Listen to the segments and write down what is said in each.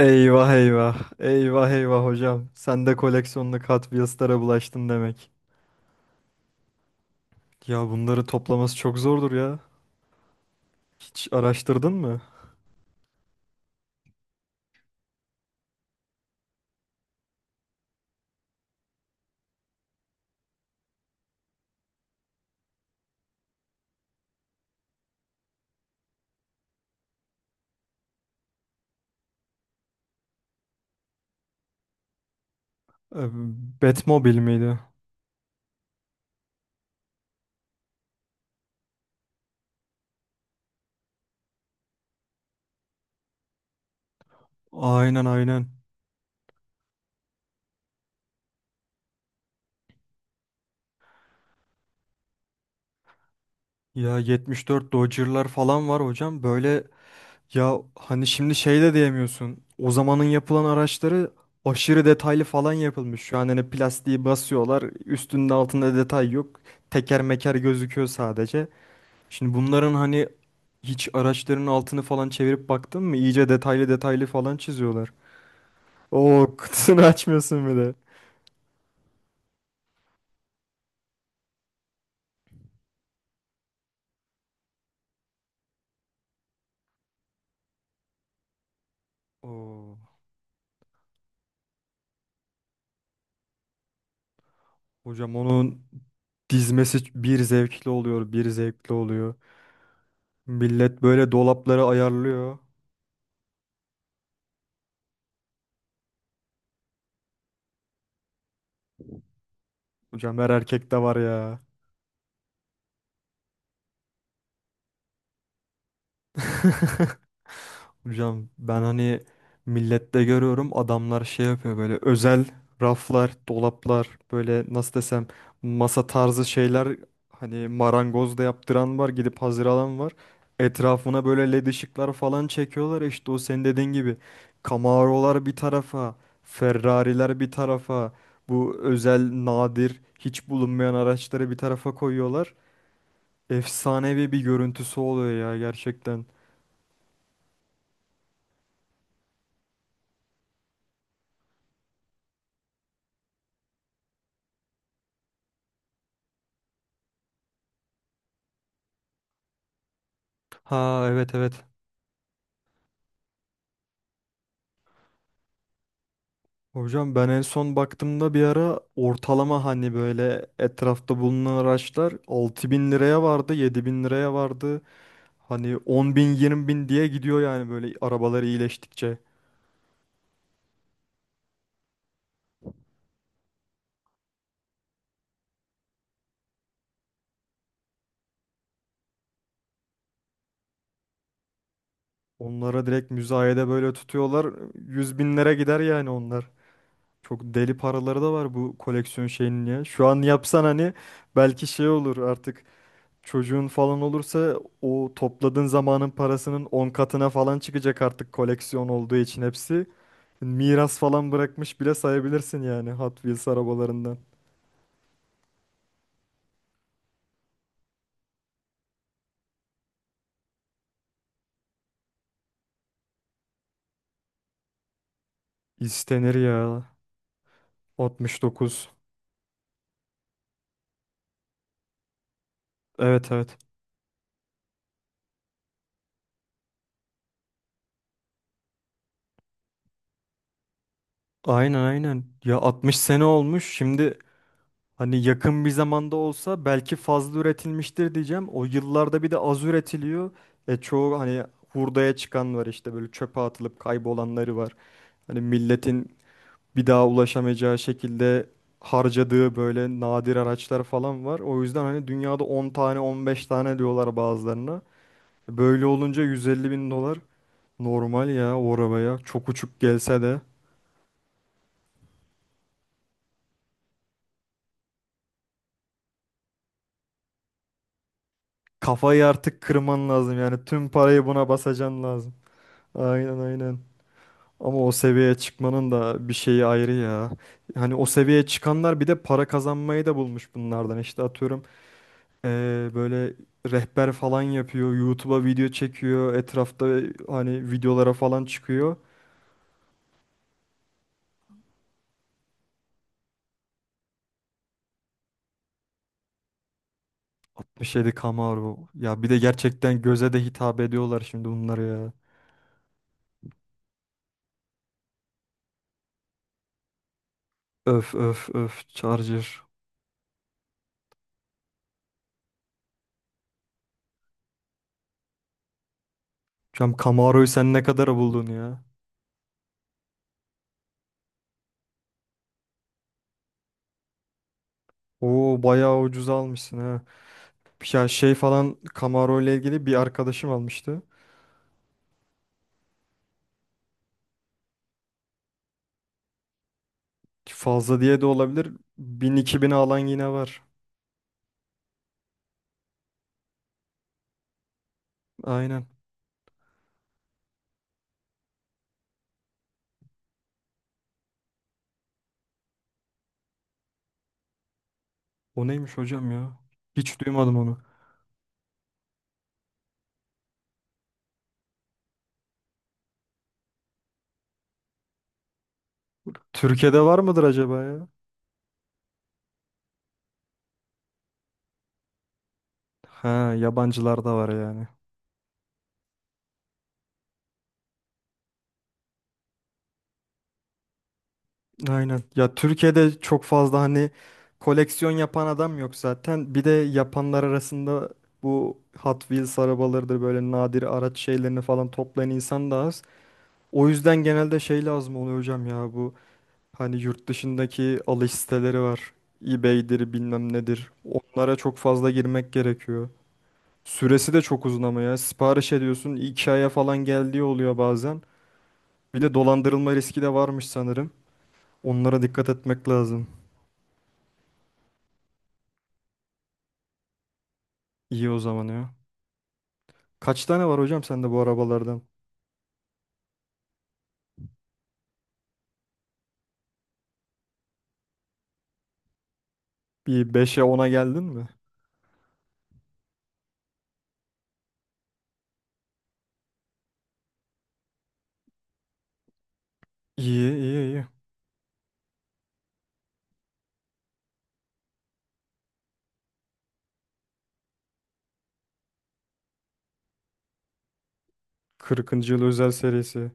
Eyvah eyvah. Eyvah eyvah hocam. Sen de koleksiyonlu Catwheels'lara bulaştın demek. Ya bunları toplaması çok zordur ya. Hiç araştırdın mı? Ee, Batmobile miydi? Aynen aynen. Ya 74 Dodge'lar falan var hocam. Böyle ya hani şimdi şey de diyemiyorsun. O zamanın yapılan araçları aşırı detaylı falan yapılmış. Şu an hani plastiği basıyorlar. Üstünde altında detay yok. Teker meker gözüküyor sadece. Şimdi bunların hani, hiç araçların altını falan çevirip baktın mı? İyice detaylı detaylı falan çiziyorlar. Oo, kutusunu açmıyorsun bile. Oo, hocam onun dizmesi bir zevkli oluyor, bir zevkli oluyor. Millet böyle dolapları ayarlıyor. Hocam her erkekte var ya. Hocam ben hani millette görüyorum, adamlar şey yapıyor böyle özel raflar, dolaplar, böyle nasıl desem masa tarzı şeyler, hani marangoz da yaptıran var, gidip hazır alan var. Etrafına böyle led ışıklar falan çekiyorlar, işte o senin dediğin gibi Camaro'lar bir tarafa, Ferrari'ler bir tarafa, bu özel nadir hiç bulunmayan araçları bir tarafa koyuyorlar. Efsanevi bir görüntüsü oluyor ya gerçekten. Ha, evet evet. Hocam ben en son baktığımda bir ara ortalama hani böyle etrafta bulunan araçlar 6.000 liraya vardı, 7.000 liraya vardı. Hani 10.000, 20.000 diye gidiyor yani böyle arabalar iyileştikçe. Onlara direkt müzayede böyle tutuyorlar. 100 binlere gider yani onlar. Çok deli paraları da var bu koleksiyon şeyinin ya. Şu an yapsan hani belki şey olur artık, çocuğun falan olursa o topladığın zamanın parasının 10 katına falan çıkacak artık koleksiyon olduğu için hepsi. Miras falan bırakmış bile sayabilirsin yani Hot Wheels arabalarından. İstenir ya. 69. Evet evet. Aynen aynen. Ya 60 sene olmuş. Şimdi hani yakın bir zamanda olsa belki fazla üretilmiştir diyeceğim. O yıllarda bir de az üretiliyor. E, çoğu hani hurdaya çıkan var, işte böyle çöpe atılıp kaybolanları var. Hani milletin bir daha ulaşamayacağı şekilde harcadığı böyle nadir araçlar falan var. O yüzden hani dünyada 10 tane 15 tane diyorlar bazılarına. Böyle olunca 150 bin dolar normal ya o arabaya. Çok uçuk gelse de. Kafayı artık kırman lazım yani, tüm parayı buna basacan lazım. Aynen aynen. Ama o seviyeye çıkmanın da bir şeyi ayrı ya. Hani o seviyeye çıkanlar bir de para kazanmayı da bulmuş bunlardan. İşte atıyorum böyle rehber falan yapıyor. YouTube'a video çekiyor. Etrafta hani videolara falan çıkıyor. 67 Camaro. Ya bir de gerçekten göze de hitap ediyorlar şimdi bunlar ya. Öf öf öf Charger. Hocam Camaro'yu sen ne kadara buldun ya? Oo, bayağı ucuza almışsın ha. Ya şey falan Camaro ile ilgili bir arkadaşım almıştı. Ki fazla diye de olabilir. 1000-2000'e alan yine var. Aynen. O neymiş hocam ya? Hiç duymadım onu. Türkiye'de var mıdır acaba ya? Ha, yabancılarda var yani. Aynen. Ya Türkiye'de çok fazla hani koleksiyon yapan adam yok zaten. Bir de yapanlar arasında bu Hot Wheels arabalarıdır, böyle nadir araç şeylerini falan toplayan insan da az. O yüzden genelde şey lazım oluyor hocam ya, bu hani yurt dışındaki alış siteleri var. eBay'dir bilmem nedir. Onlara çok fazla girmek gerekiyor. Süresi de çok uzun ama ya. Sipariş ediyorsun 2 aya falan geldiği oluyor bazen. Bir de dolandırılma riski de varmış sanırım. Onlara dikkat etmek lazım. İyi o zaman ya. Kaç tane var hocam sende bu arabalardan? Bir beşe ona geldin mi? İyi iyi iyi. 40. yıl özel serisi.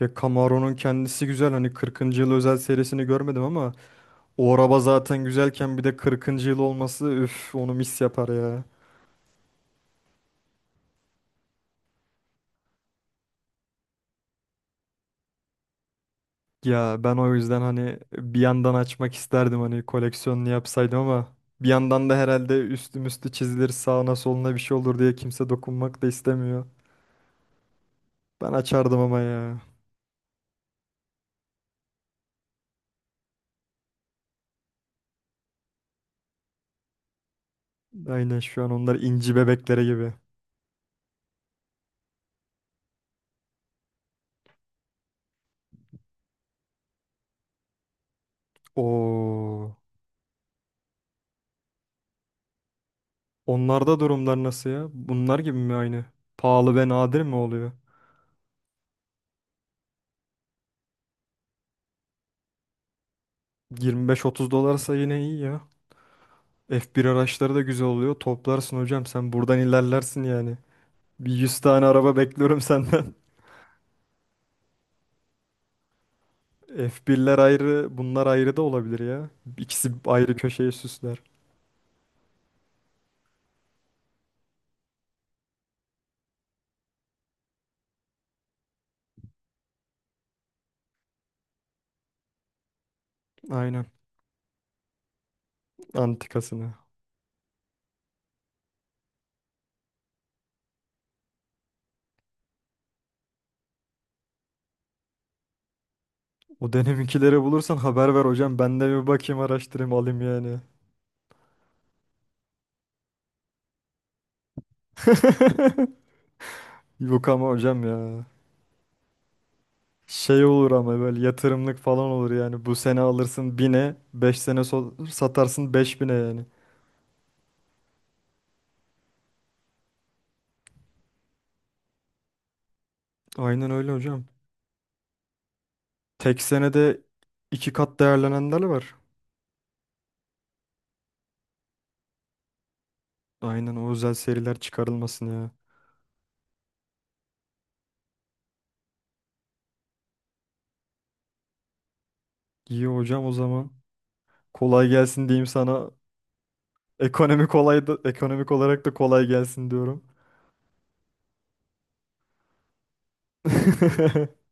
Ya Camaro'nun kendisi güzel, hani 40. yıl özel serisini görmedim ama o araba zaten güzelken bir de 40. yıl olması, üf onu mis yapar ya. Ya ben o yüzden hani bir yandan açmak isterdim hani koleksiyonunu yapsaydım, ama bir yandan da herhalde üstüm üstü müstü çizilir, sağına soluna bir şey olur diye kimse dokunmak da istemiyor. Ben açardım ama ya. Aynen şu an onlar inci bebeklere gibi. Oo. Onlarda durumlar nasıl ya? Bunlar gibi mi aynı? Pahalı ve nadir mi oluyor? 25-30 dolarsa yine iyi ya. F1 araçları da güzel oluyor. Toplarsın hocam, sen buradan ilerlersin yani. Bir 100 tane araba bekliyorum senden. F1'ler ayrı, bunlar ayrı da olabilir ya. İkisi ayrı köşeyi süsler. Aynen. Antikasını. O döneminkileri bulursan haber ver hocam. Ben de bir bakayım, araştırayım, alayım yani. Yok ama hocam ya. Şey olur ama böyle yatırımlık falan olur yani. Bu sene alırsın bin'e, 5 sene satarsın beş bin'e yani. Aynen öyle hocam. Tek senede 2 kat değerlenenler var. Aynen o özel seriler çıkarılmasın ya. İyi hocam o zaman. Kolay gelsin diyeyim sana. Ekonomi kolay da, ekonomik olarak da kolay gelsin diyorum.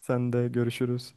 Sen de görüşürüz.